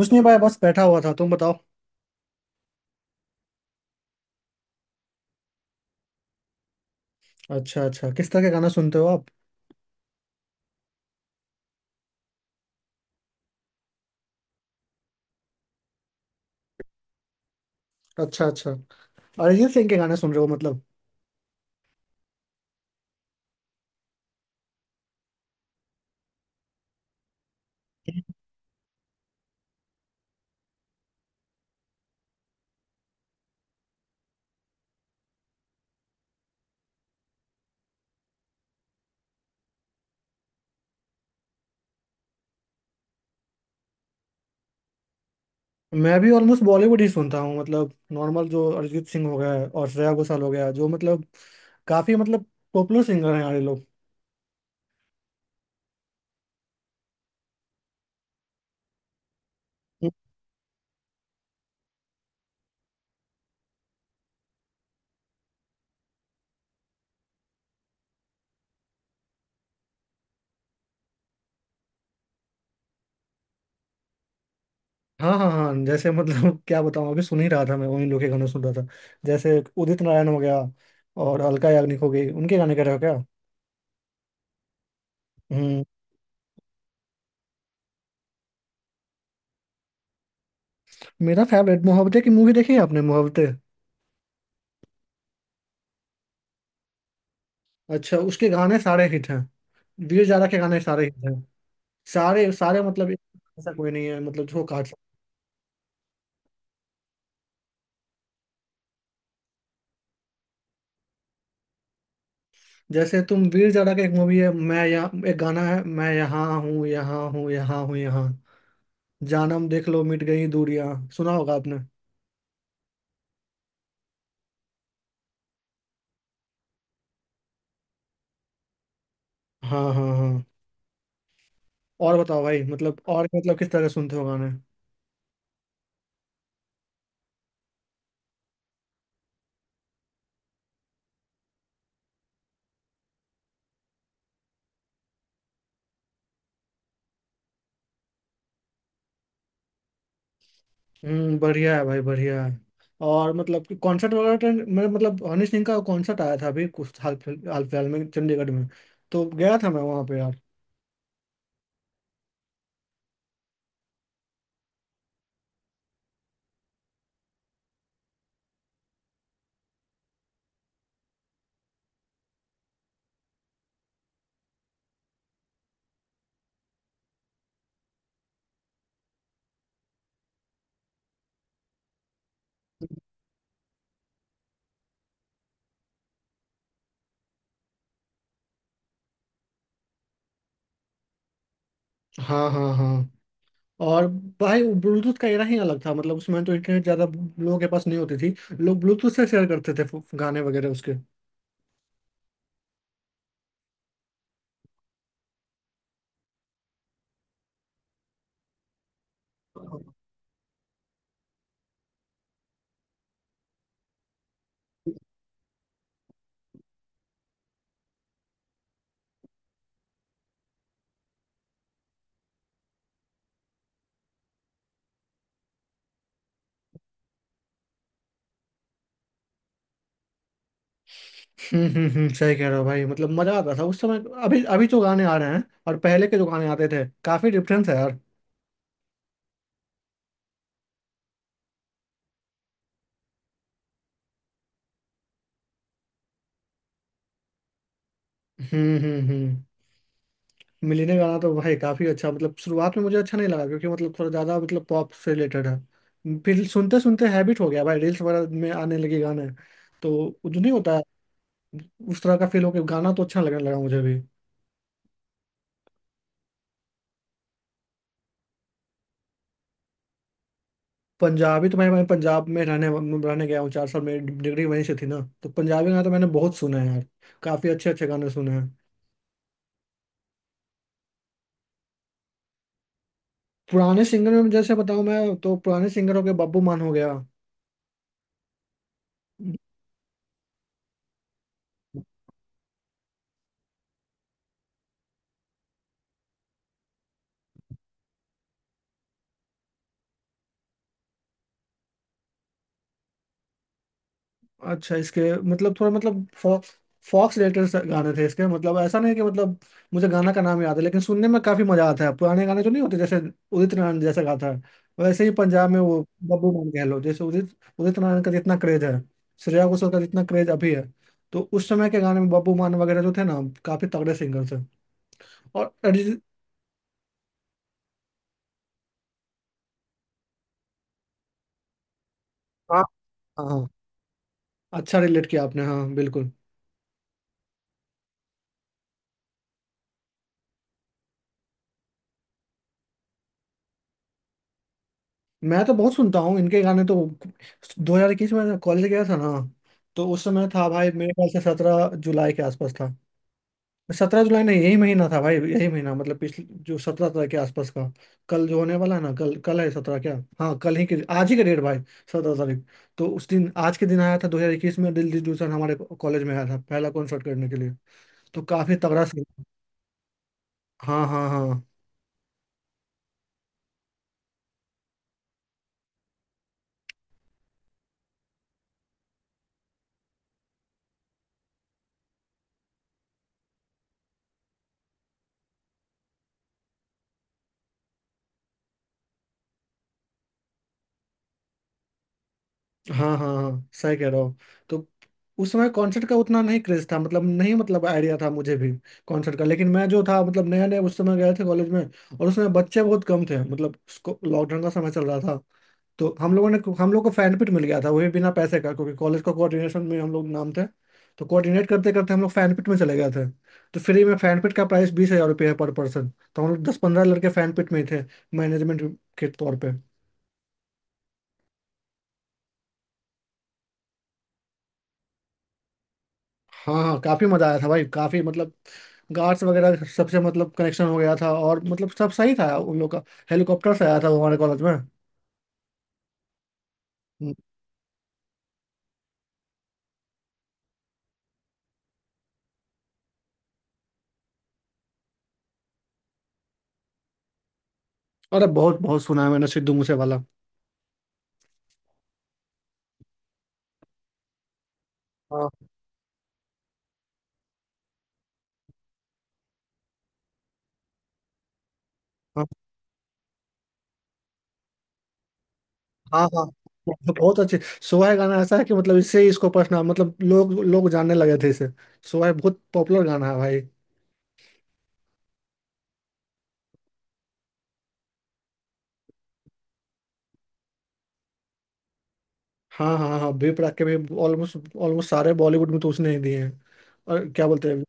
कुछ नहीं भाई, बस बैठा हुआ था। तुम बताओ। अच्छा अच्छा, किस तरह के गाना सुनते हो आप? अच्छा अच्छा, अरिजीत सिंह के गाने सुन रहे हो मतलब? मैं भी ऑलमोस्ट बॉलीवुड ही सुनता हूँ, मतलब नॉर्मल। जो अरिजीत सिंह हो गया है और श्रेया घोषाल हो गया, जो मतलब काफी मतलब पॉपुलर सिंगर हैं हमारे लोग। हाँ हाँ हाँ, जैसे मतलब क्या बताऊँ, अभी सुन ही रहा था मैं। उन्हीं लोग के गाने सुन रहा था, जैसे उदित नारायण हो गया और अलका याग्निक हो गई। उनके गाने कह रहे हो क्या? हम्म। मेरा फेवरेट मोहब्बतें की मूवी। देखी है आपने मोहब्बतें? अच्छा, उसके गाने सारे हिट हैं। वीर जारा के गाने सारे हिट हैं। सारे सारे मतलब। ऐसा कोई नहीं है मतलब जो काट सकते। जैसे तुम वीर जारा का एक मूवी है। मैं यहाँ एक गाना है, मैं यहाँ हूँ, यहाँ हूँ, यहाँ हूँ, यहाँ। जानम देख लो मिट गई दूरियां। सुना होगा आपने? हाँ हाँ हाँ। और बताओ भाई, मतलब और मतलब किस तरह सुनते हो गाने? हम्म, बढ़िया है भाई, बढ़िया है। और मतलब कॉन्सर्ट वगैरह तो मेरा मतलब हनी सिंह का कॉन्सर्ट आया था अभी कुछ हाल फिलहाल में, चंडीगढ़ में। तो गया था मैं वहाँ पे यार। हाँ हाँ हाँ। और भाई, ब्लूटूथ का एरा ही अलग था। मतलब उसमें तो इंटरनेट ज्यादा लोगों के पास नहीं होती थी। लोग ब्लूटूथ से शेयर करते थे गाने वगैरह उसके। हम्म, सही कह रहे हो भाई। मतलब मजा आता था उस समय। अभी अभी जो गाने आ रहे हैं और पहले के जो गाने आते थे, काफी डिफरेंस है यार। हम्म, मिलने गाना तो भाई काफी अच्छा। मतलब शुरुआत में मुझे अच्छा नहीं लगा, क्योंकि मतलब थोड़ा ज्यादा मतलब पॉप से रिलेटेड है। फिर सुनते सुनते हैबिट हो गया भाई। रील्स वगैरह में आने लगे गाने तो। वो जो नहीं होता है, उस तरह का फील हो गया। गाना तो अच्छा लगने लगा मुझे भी। पंजाबी तो मैं पंजाब में रहने रहने गया हूँ 4 साल। मेरी डिग्री वहीं से थी ना, तो पंजाबी गाना तो मैंने बहुत सुना है यार। काफी अच्छे अच्छे गाने सुने हैं। पुराने सिंगर में जैसे बताऊँ मैं, तो पुराने सिंगर हो गए बब्बू मान हो गया। अच्छा, इसके मतलब थोड़ा मतलब फॉक्स रिलेटेड गाने थे इसके। मतलब ऐसा नहीं कि मतलब मुझे गाना का नाम याद है, लेकिन सुनने में काफी मजा आता है। पुराने गाने जो नहीं होते, जैसे उदित नारायण जैसा गाता है वैसे ही पंजाब में वो बब्बू मोहन गहलोत। जैसे उदित उदित नारायण का जितना क्रेज है, श्रेया घोषाल का जितना क्रेज अभी है, तो उस समय के गाने में बब्बू मान वगैरह जो थे ना, काफी तगड़े सिंगर थे। और अरिजीत। हाँ हाँ हाँ, अच्छा रिलेट किया आपने। हाँ बिल्कुल। मैं तो बहुत सुनता हूँ इनके गाने तो। 2021 में कॉलेज गया था ना। तो उस समय था भाई, मेरे ख्याल से 17 जुलाई के आसपास था। सत्रह जुलाई नहीं, यही महीना था भाई, यही महीना। मतलब पिछले जो 17 तारीख के आसपास का। कल जो होने वाला है ना, कल कल है 17 क्या? हाँ, कल ही के आज ही का डेट भाई। 17 तारीख। तो उस दिन, आज के दिन, आया था 2021 में दिल दिल दुल्हन हमारे कॉलेज में। आया था पहला कॉन्सर्ट करने के लिए। तो काफी तगड़ा सीन। हाँ हाँ हाँ। हाँ हाँ हाँ, सही कह रहा हूँ। तो उस समय कॉन्सर्ट का उतना नहीं क्रेज था, मतलब नहीं मतलब आइडिया था मुझे भी कॉन्सर्ट का। लेकिन मैं जो था मतलब नया नया उस समय गए थे कॉलेज में। और उसमें बच्चे बहुत कम थे, मतलब लॉकडाउन का समय चल रहा था। तो हम लोग को फैन पिट मिल गया था, वो भी बिना पैसे का, क्योंकि कॉलेज का कोऑर्डिनेशन में हम लोग नाम थे। तो कोऑर्डिनेट करते करते हम लोग फैन पिट में चले गए थे। तो फ्री में। फैन पिट का प्राइस 20,000 रुपये है पर पर्सन। तो हम लोग 10-15 लड़के फैन पिट में ही थे, मैनेजमेंट के तौर पर। हाँ हाँ, काफी मजा आया था भाई, काफी। मतलब गार्ड्स वगैरह सबसे मतलब कनेक्शन हो गया था, और मतलब सब सही था उन लोग का। हेलीकॉप्टर से आया था वो हमारे कॉलेज में। हम्म, अरे बहुत बहुत सुना है मैंने सिद्धू मूसे वाला। हाँ हाँ हाँ हाँ, बहुत अच्छे। सोहै गाना ऐसा है कि मतलब इससे ही इसको पसना, मतलब लोग लोग जानने लगे थे इसे। सोहै बहुत पॉपुलर गाना है भाई। हाँ हाँ हाँ, बी प्राक के भी ऑलमोस्ट ऑलमोस्ट सारे बॉलीवुड में तो उसने ही दिए हैं। और क्या बोलते हैं।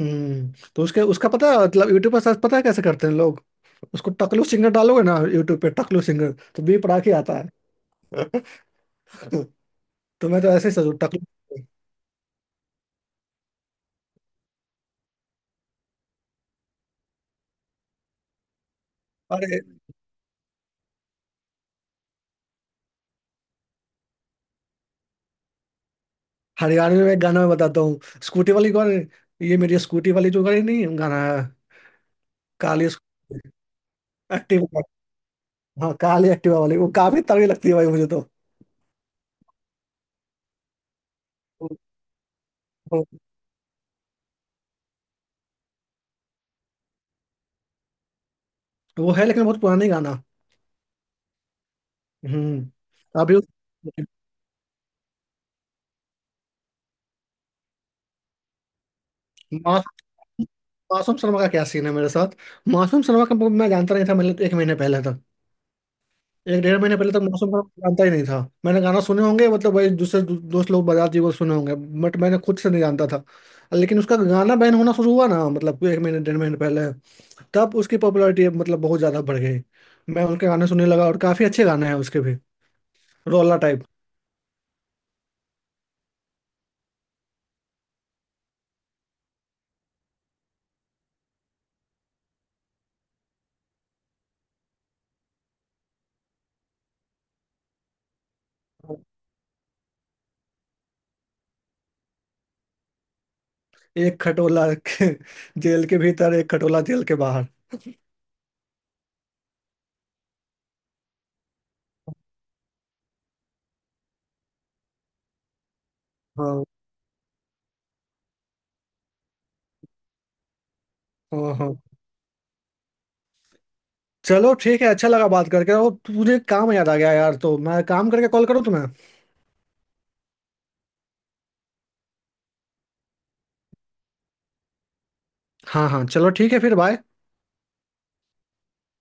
हम्म, तो उसके उसका पता है मतलब? यूट्यूब पर सर्च पता है कैसे करते हैं लोग? उसको टकलू सिंगर डालोगे ना यूट्यूब पे, टकलू सिंगर तो बी पड़ा के आता है। तो मैं तो ऐसे ही सोचू टकलू। अरे, हरियाणवी में एक गाना मैं बताता हूँ। स्कूटी वाली कौन है? ये मेरी स्कूटी वाली, जो गाड़ी नहीं है, गाना है। काली एक्टिवा। हाँ, काली एक्टिवा वाली वो काफी तगड़ी लगती है भाई मुझे तो। वो वो है, लेकिन बहुत पुरानी गाना। हम्म, अभी उस-। मासूम। मासूम शर्मा का क्या सीन है मेरे साथ। मासूम शर्मा का मैं जानता नहीं था, मतलब एक महीने पहले। एक डेढ़ महीने पहले तक मौसम का जानता ही नहीं था। मैंने गाना सुने होंगे, मतलब वही दूसरे दोस्त लोग बजाते हुए सुने होंगे। बट मैंने खुद से नहीं जानता था। लेकिन उसका गाना बैन होना शुरू हुआ ना, मतलब एक महीने डेढ़ महीने पहले। तब उसकी पॉपुलैरिटी मतलब बहुत ज़्यादा बढ़ गई। मैं उनके गाने सुनने लगा, और काफ़ी अच्छे गाने हैं उसके भी। रोला टाइप। एक खटोला के-। जेल के भीतर एक खटोला, जेल के बाहर। हाँ हाँ हाँ, चलो ठीक है। अच्छा लगा बात करके। वो तुझे काम याद आ गया यार, तो मैं काम करके कॉल करूँ तुम्हें। हाँ हाँ, चलो ठीक है। फिर बाय।